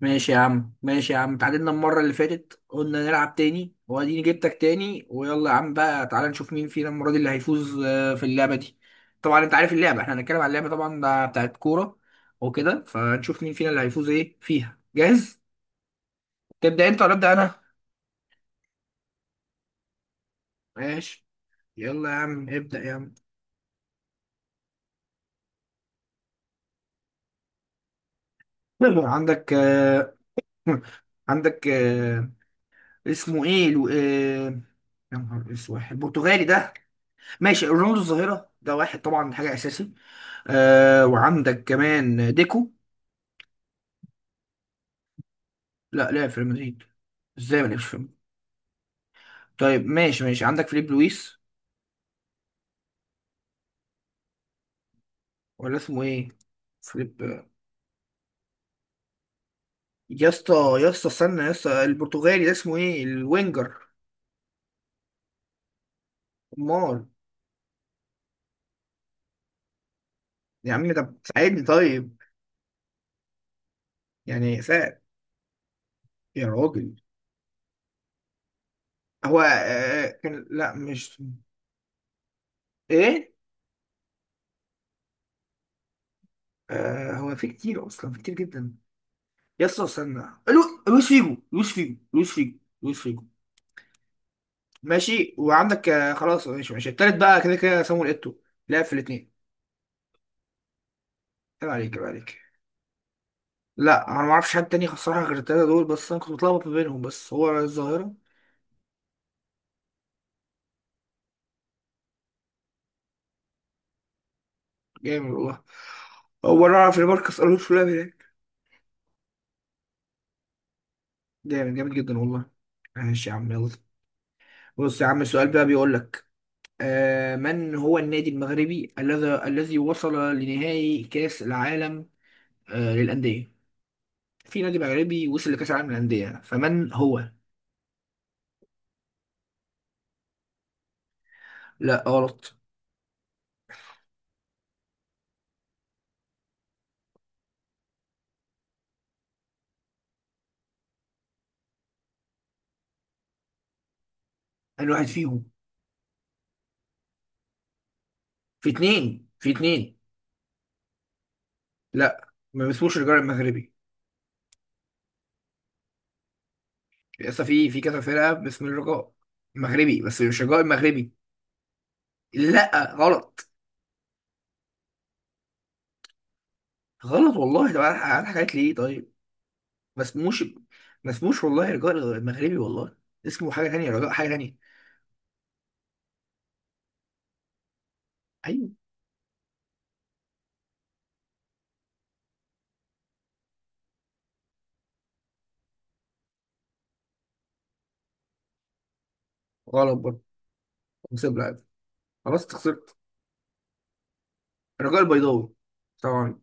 ماشي يا عم، ماشي يا عم، اتعادلنا المرة اللي فاتت، قلنا نلعب تاني واديني جبتك تاني. ويلا يا عم بقى، تعالى نشوف مين فينا المرة دي اللي هيفوز في اللعبة دي. طبعا انت عارف اللعبة، احنا هنتكلم عن اللعبة طبعا، ده بتاعت كورة وكده. فنشوف مين فينا اللي هيفوز ايه فيها. جاهز؟ تبدأ انت ولا ابدأ انا؟ ماشي، يلا يا عم ابدأ يا عم. عندك عندك اسمه ايه يا نهار اسود، البرتغالي ده. ماشي، رونالدو الظاهرة ده واحد طبعا، حاجة أساسي. آه، وعندك كمان ديكو. لا، لعب في ريال مدريد. ازاي ما لعبش في ريال مدريد؟ طيب ماشي ماشي، عندك فيليب لويس، ولا اسمه ايه؟ فيليب يا اسطى، يا اسطى استنى يا اسطى، البرتغالي ده اسمه ايه، الوينجر؟ امال؟ يا عم ده ساعدني طيب، يعني ساعد. يا راجل، هو آه كان، لا مش ايه. آه، هو في كتير اصلا، في كتير جدا. يا اسطى استنى، لويس فيجو، لويس فيجو، لويس فيجو، لويس فيجو. ماشي، وعندك خلاص، ماشي ماشي، التالت بقى كده كده سامويل ايتو، لعب في الاثنين. عيب عليك، عيب عليك. لا انا ما اعرفش حد تاني الصراحه غير التلاته دول بس، انا كنت متلخبط ما بينهم، بس هو الظاهره. جامد والله، هو انا اعرف ان ماركوس الونسو لعب هناك. جامد، جامد جدا والله. ماشي يا عم يلا، بص يا عم السؤال بقى بيقول لك من هو النادي المغربي الذي وصل لنهائي كاس العالم للانديه. في نادي مغربي وصل لكاس العالم للانديه، فمن هو؟ لا غلط. انا واحد فيهم، في اتنين، في اتنين. لا، ما باسموش الرجاء المغربي، لسه في كذا فرقة باسم الرجاء مغربي، بس مش الرجاء المغربي. لا غلط. غلط والله. طب انا، حكيت ليه طيب؟ ما اسموش، ما اسموش والله الرجاء المغربي والله. اسمه حاجة تانية، رجاء حاجة تانية. ايوه. غلط برضه. نسيب لعب، خلاص أنت خسرت. الرجاء البيضاوي طبعا.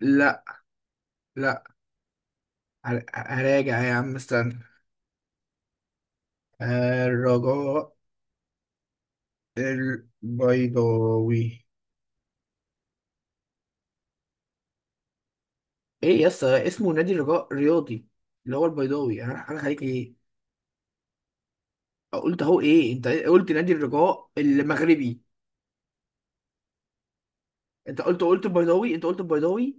لا، لا. هراجع يا عم استنى. الرجاء البيضاوي. ايه يا اسطى، اسمه نادي الرجاء الرياضي اللي هو البيضاوي، انا خليك ايه. قلت اهو ايه، انت قلت نادي الرجاء المغربي. انت قلت، قلت البيضاوي، انت قلت البيضاوي.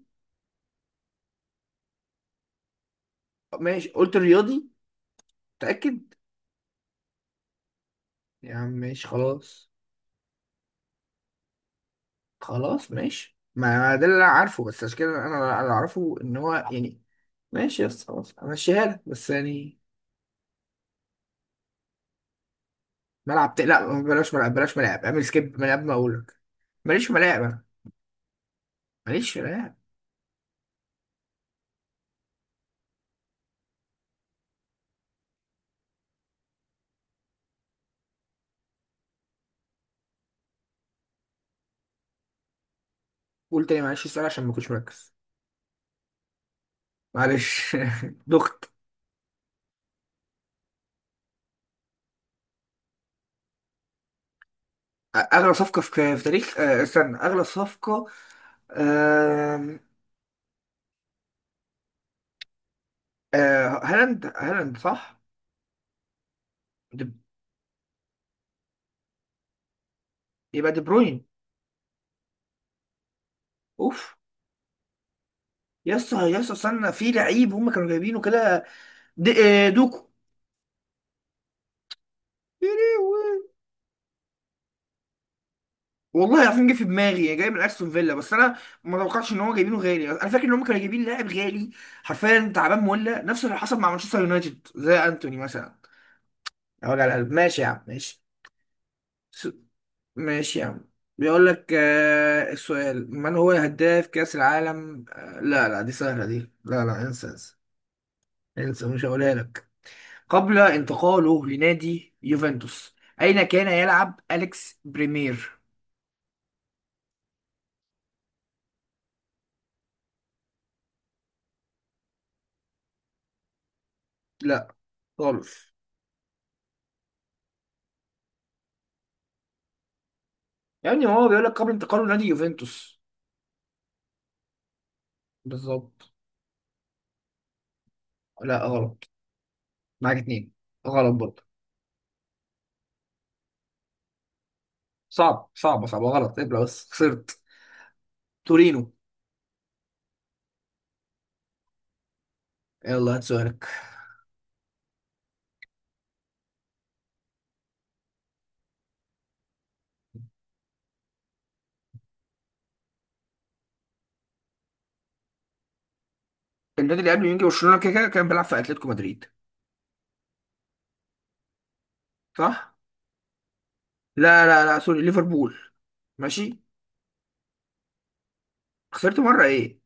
ماشي، قلت الرياضي؟ متأكد؟ يا عم ماشي خلاص. خلاص ماشي، ما ده اللي انا عارفه، بس عشان كده انا اللي اعرفه ان هو يعني. ماشي يا اسطى خلاص، همشيها لك بس يعني. لا بلاش ملعب، بلاش ملاعب، اعمل سكيب من قبل ما اقول لك. ماليش في ملاعب انا، ماليش في ملاعب. قول تاني معلش السؤال عشان ما كنتش مركز. معلش دخ. اغلى صفقه في تاريخ استنى، اغلى صفقه. آم، هالاند، هالاند صح. دي، يبقى دي بروين. اوف. يا اسطى، يا اسطى استنى، في لعيب هم كانوا جايبينه كده، دوكو. يا لهوي. والله العظيم جه في دماغي، جاي من استون فيلا، بس انا ما توقعتش ان هو جايبينه غالي، انا فاكر ان هم كانوا جايبين لاعب غالي. حرفيا تعبان مولع، نفس اللي حصل مع مانشستر يونايتد زي انتوني مثلا. يا وجع القلب، ماشي يا عم ماشي. س- ماشي يا عم. بيقول لك السؤال، من هو هداف كأس العالم لا لا، دي سهلة دي، لا لا، انسى انسى، انسى مش هقولها لك. قبل انتقاله لنادي يوفنتوس، أين كان يلعب أليكس بريمير؟ لا، خالص. يعني هو بيقول لك قبل انتقاله لنادي يوفنتوس. بالظبط. لا غلط، معاك اتنين. غلط برضه. صعب، صعب صعب، غلط، ابلع بس خسرت. تورينو. يلا هات سؤالك. النادي اللي قبل يونج برشلونة، كده كده كان بيلعب في أتلتيكو مدريد، صح؟ لا لا لا سوري، ليفربول. ماشي، خسرت مرة ايه.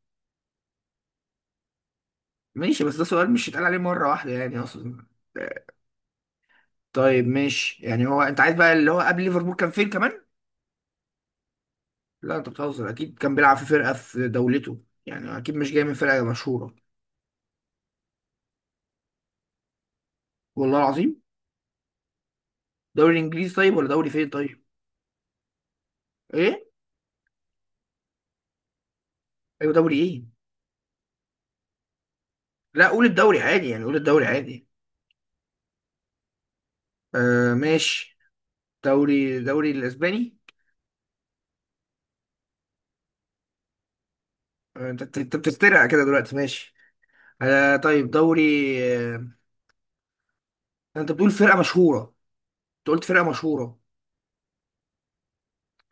ماشي، بس ده سؤال مش هيتقال عليه مرة واحدة يعني اصلا. طيب ماشي، يعني هو انت عايز بقى اللي هو قبل ليفربول كان فين كمان. لا انت بتهزر، اكيد كان بيلعب في فرقة في دولته يعني، اكيد مش جاي من فرقة مشهورة. والله العظيم. دوري انجليزي طيب، ولا دوري فين طيب؟ ايه؟ ايوه، دوري ايه؟ لا، قول الدوري عادي، يعني قول الدوري عادي. آه ماشي، دوري الاسباني. آه، انت انت أنت بتسترقع كده دلوقتي، ماشي. آه طيب، دوري. آه، انت بتقول فرقة مشهورة، انت قلت فرقة مشهورة.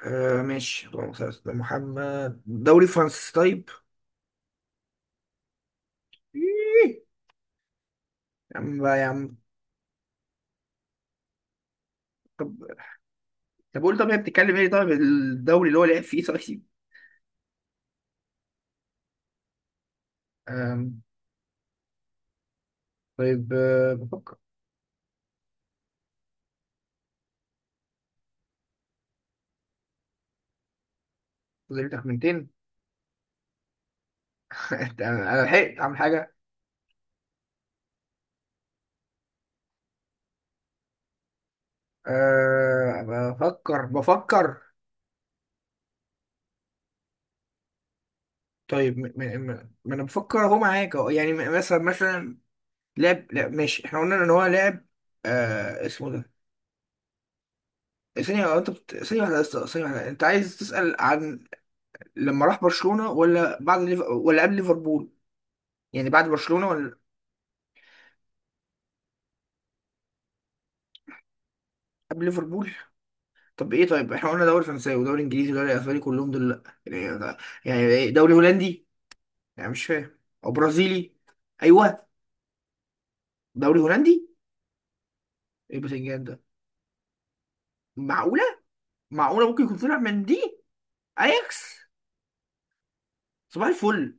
آه ماشي، اللهم صل على سيدنا محمد، دوري فرنسي طيب. إيه. يا عم بقى يا عم. طب، طب قول، طب هي بتتكلم ايه طيب الدوري اللي هو لعب فيه طيب؟ آم، طيب بفكر. فاضل لي تخمنتين. انا لحقت اعمل حاجة. آه، بفكر بفكر. طيب ما انا بفكر اهو معاك أهو. يعني، مثلا مثلا لعب، لا ماشي، احنا قلنا ان هو لعب. آه، اسمه ده. ثانية واحدة بس، ثانية واحدة، انت عايز تسأل عن لما راح برشلونة، ولا بعد ولا قبل ليفربول؟ يعني بعد برشلونة، ولا قبل ليفربول؟ طب ايه، طيب احنا قلنا دوري فرنساوي ودوري انجليزي ودوري اسباني كلهم دول لا، يعني ده، يعني ايه، دوري هولندي؟ يعني مش فاهم، او برازيلي؟ ايوه، دوري هولندي. ايه البتنجان ده، معقولة؟ معقولة ممكن يكون طلع من دي. اياكس. صباح الفل.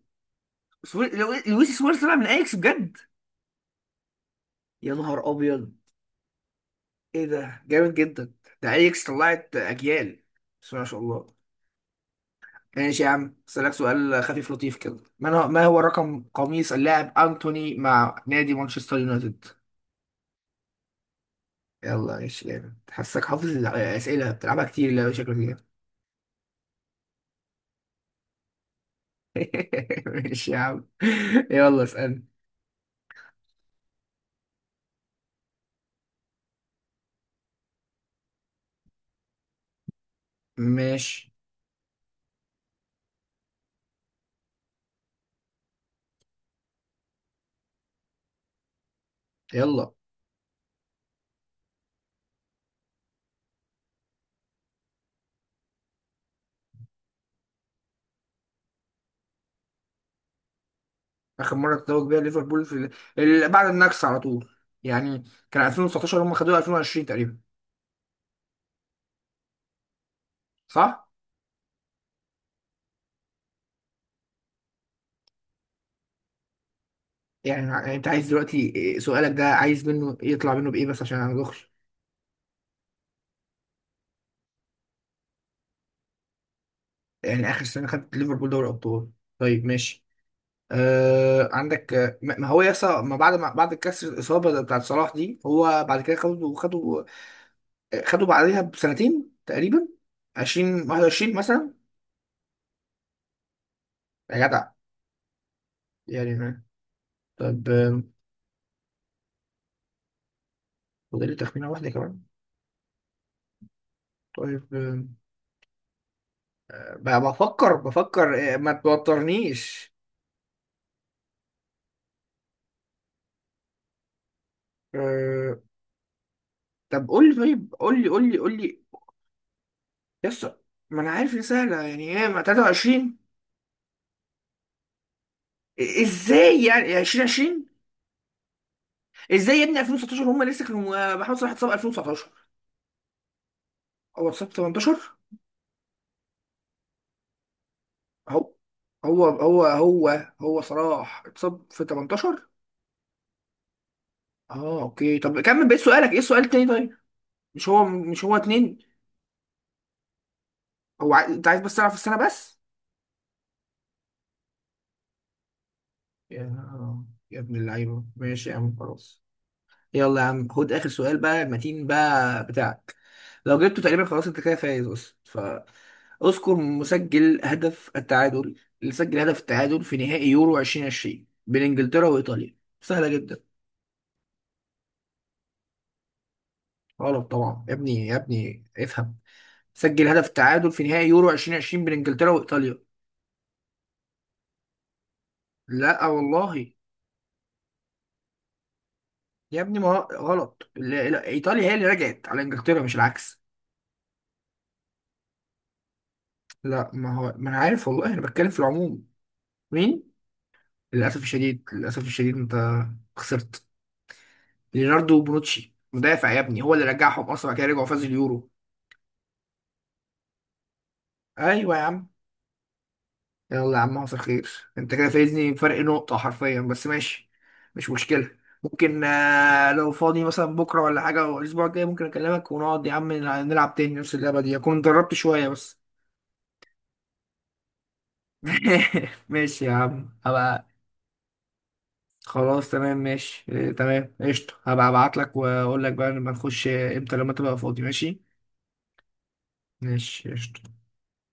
لويس سواريز طلع من اياكس بجد؟ يا نهار ابيض، ايه ده جامد جدا. ده ايكس طلعت اجيال، بسم الله ما شاء الله. ماشي يا عم، اسالك سؤال خفيف لطيف كده، ما هو رقم قميص اللاعب انتوني مع نادي مانشستر يونايتد؟ يلا ماشي، جامد، حاسك حافظ الاسئله، بتلعبها كتير لا، شكلك كده. ماشي يا عم، يلا اسالني. ماشي، يلا. اخر مره تتوج بيها ليفربول في بعد النكسه على طول يعني، كان 2019، هم خدوها 2020 تقريبا، صح؟ يعني، يعني انت عايز دلوقتي سؤالك ده عايز منه يطلع منه بايه، بس عشان انا مدوخش. يعني اخر سنه خدت ليفربول دوري ابطال. طيب ماشي. آه، عندك ما هو يسا ما بعد، ما بعد كسر الاصابه ده بتاعت صلاح دي، هو بعد كده خدوا خدوا بعدها بسنتين تقريبا، 20 21 مثلا. يا جدع، يعني ما- طيب فاضل لي تخمينه واحده كمان. طيب بفكر بفكر، ما توترنيش. آه، طب قول لي، طيب قول لي، قول لي، قول لي. يس. ما انا عارف ان سهله، يعني ايه، ما 23. ازاي، يعني 2020. ازاي يا ابني 2019، هم لسه كانوا محمد صلاح اتصاب 2019، هو اتصاب في 18. اهو، هو هو هو هو صلاح اتصاب في 18. اه اوكي، طب كمل بقيت سؤالك، ايه السؤال التاني طيب؟ مش هو، مش هو اتنين؟ هو انت عايز بس تعرف السنه بس؟ يا يا ابن اللعيبه، ماشي يا عم خلاص. يلا يا عم، خد اخر سؤال بقى المتين بقى بتاعك، لو جبته تقريبا خلاص انت كده فايز، بس ف. اذكر مسجل هدف التعادل، اللي سجل هدف التعادل في نهائي يورو 2020 بين انجلترا وايطاليا. سهله جدا. غلط طبعا يا ابني، يا ابني افهم، سجل هدف التعادل في نهائي يورو 2020 بين انجلترا وايطاليا. لا والله. يا ابني، ما هو- غلط، لا، ايطاليا هي اللي رجعت على انجلترا، مش العكس. لا ما هو، ما انا عارف والله، انا بتكلم في العموم. مين؟ للاسف الشديد، للاسف الشديد انت خسرت. ليوناردو بونوتشي، مدافع يا ابني، هو اللي رجعهم اصلا، بعد كده رجعوا فازوا اليورو. ايوه يا عم. يلا يا عم، حصل خير. انت كده فايزني بفرق نقطة حرفيا، بس ماشي، مش مشكلة. ممكن لو فاضي مثلا بكرة ولا حاجة، أو الأسبوع الجاي، ممكن أكلمك ونقعد يا عم نلعب تاني نفس اللعبة دي، أكون دربت شوية بس. ماشي يا عم، هبقى. خلاص تمام ماشي، اه، تمام قشطة، هبقى أبعتلك وأقول لك بقى لما نخش، إمتى لما تبقى فاضي، ماشي. ماشي قشطة.